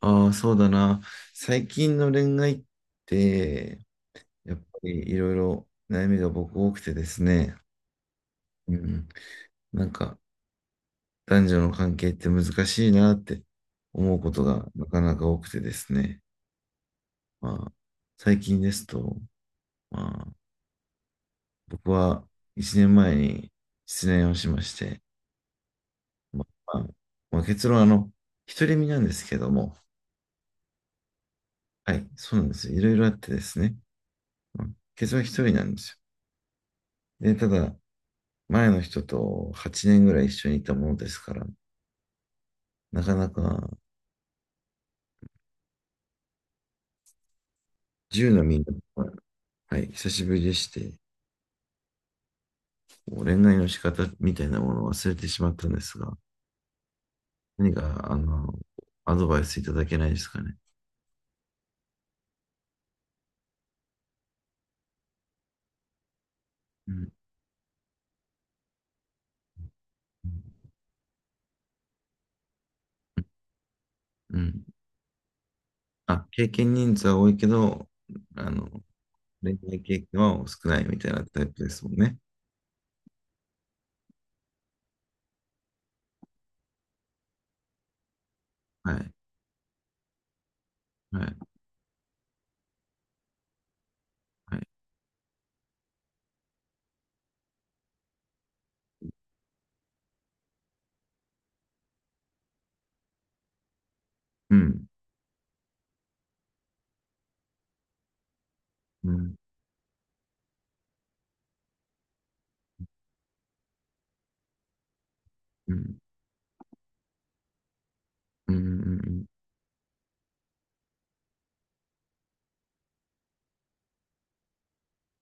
ああ、そうだな。最近の恋愛って、やっぱりいろいろ悩みが僕多くてですね、うん。なんか、男女の関係って難しいなって思うことがなかなか多くてですね。まあ、最近ですと、まあ、僕は1年前に失恋をしまして、まあ、まあまあ、結論は独り身なんですけども、はい、そうなんですよ。いろいろあってですね、うん。結論は一人なんですよ。で、ただ、前の人と8年ぐらい一緒にいたものですから、なかなか1のみんな、はい、久しぶりでして、こう恋愛の仕方みたいなものを忘れてしまったんですが、何か、アドバイスいただけないですかね。うん。うん。あ、経験人数は多いけど、あの、恋愛経験は少ないみたいなタイプですもんね。はい。はい。はい。うん。うん。うん。うん。うん。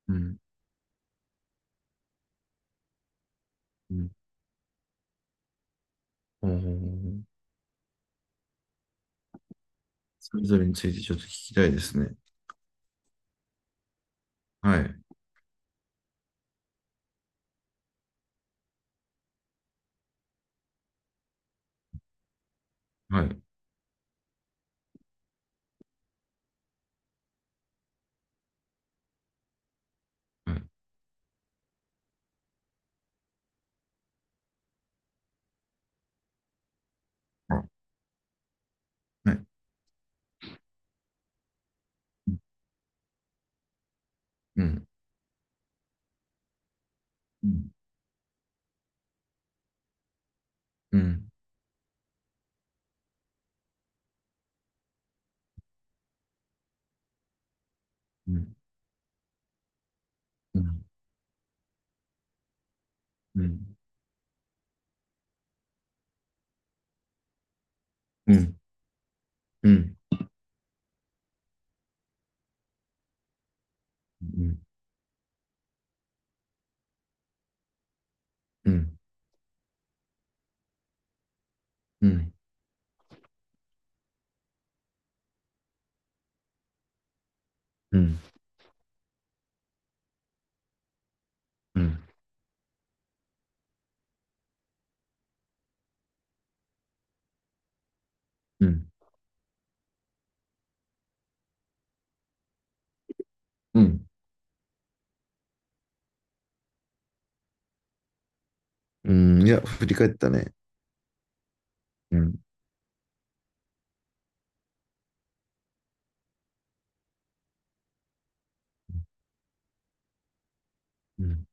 うん。うん。うん。おー。それぞれについてちょっと聞きたいですね。はい。はい。はい。あ、はい。うん。うん。うん。うん。うん。うん。うん。うん。うん。うん。うん。うん。うん。うん。うん。うん。いや、振り返ったね。うん。うん。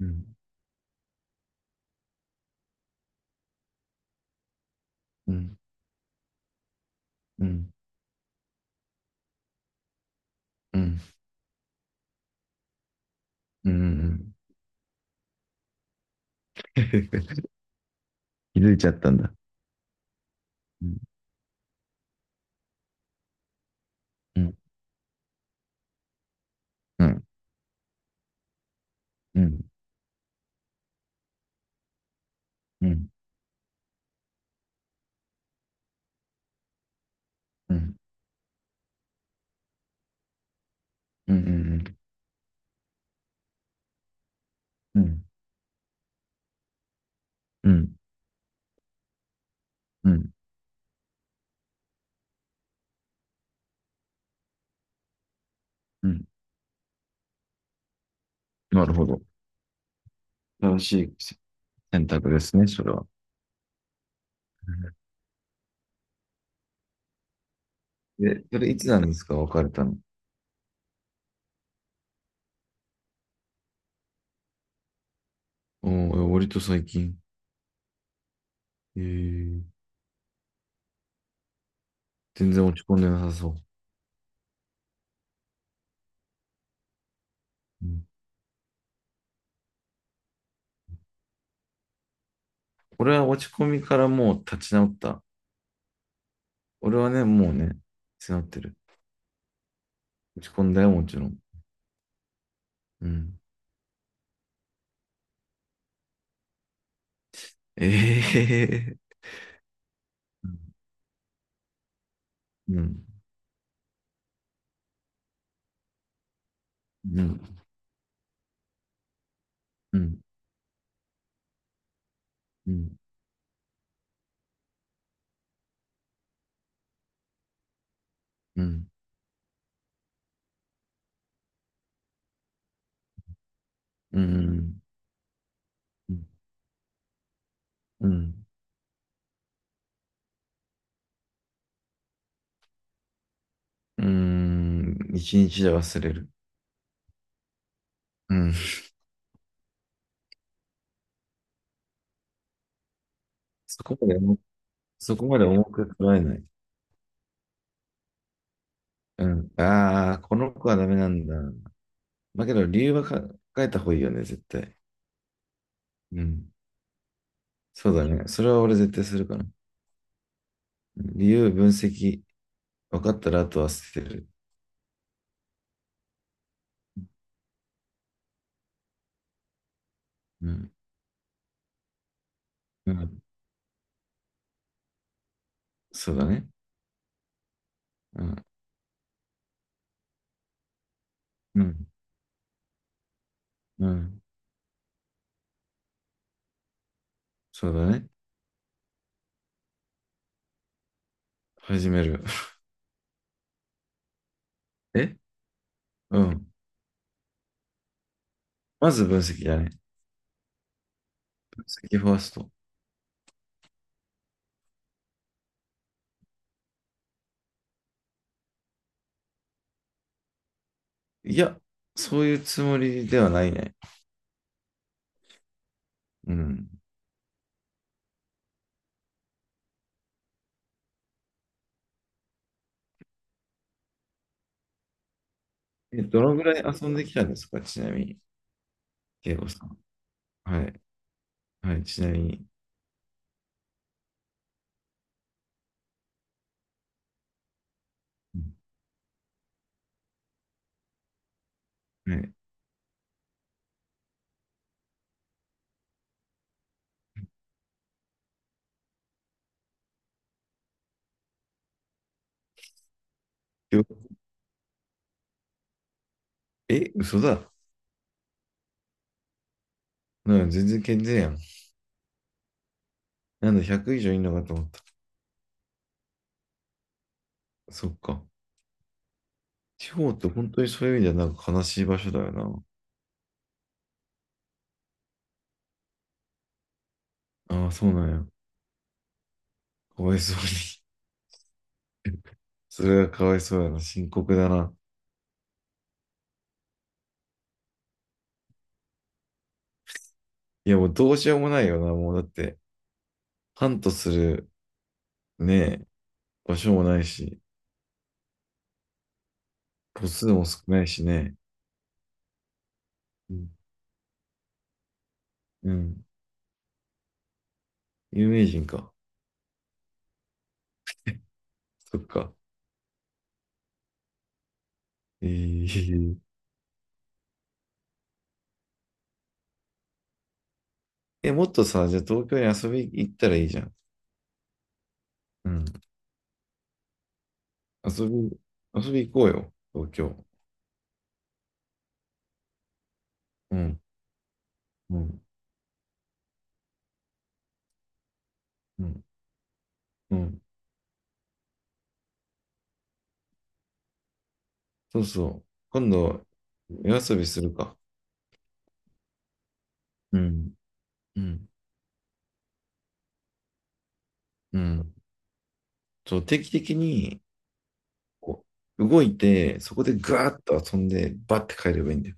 うん。うん。うん。うん。うん。うん。気づいちゃったんだ。うん。うん。うん。うん。うん。うん。うん。うん。うん。うん。うん。うん。なるほど。正しい選択ですね、それは。で、それいつなんですか、別れたの？うん、割と最近。えー、全然落ち込んでなさそう。うん、俺は落ち込みからもう立ち直った。俺はね、もうね、立ち直ってる。落ち込んだよ、もちろん。うん。ええー。うん。うん。うん。うん。うん。うん。うん。うん。一日で忘れる。うん。そこまで重、そこまで重く捉えない。うん。ああ、この子はダメなんだ。だけど理由は考えた方がいいよね、絶対。うん。そうだね。それは俺絶対するから。理由、分析、分かったらあとは捨てる。うん。うん。そうだね。うん。うん。うん。そうだね。始める。えうん。まず分析だね。分析ファースト。いや、そういうつもりではないね。うん。え、どのぐらい遊んできたんですかちなみに、慶吾さん。はい。はい。ちなみに。うん。はい。よ嘘だ。なんか全然健全やん。なんだ、100以上いんのかと思った。そっか。地方って本当にそういう意味ではなんか悲しい場所だよな。ああ、そうなんや。かわいそうに。それはかわいそうやな。深刻だな。いや、もうどうしようもないよな。もうだって、ハントするね、場所もないし、個数も少ないしね。うん。うん。有名人か。そっか。えー、もっとさ、じゃあ東京に遊び行ったらいいじゃん。うん。遊び、遊び行こうよ。東京。うん。うん。うん。うん。そうそう。今度、夜遊びするか。うん。うん。うん。そう、定期的に、こう、動いて、そこでガーッと遊んで、バッて帰ればいいんだよ。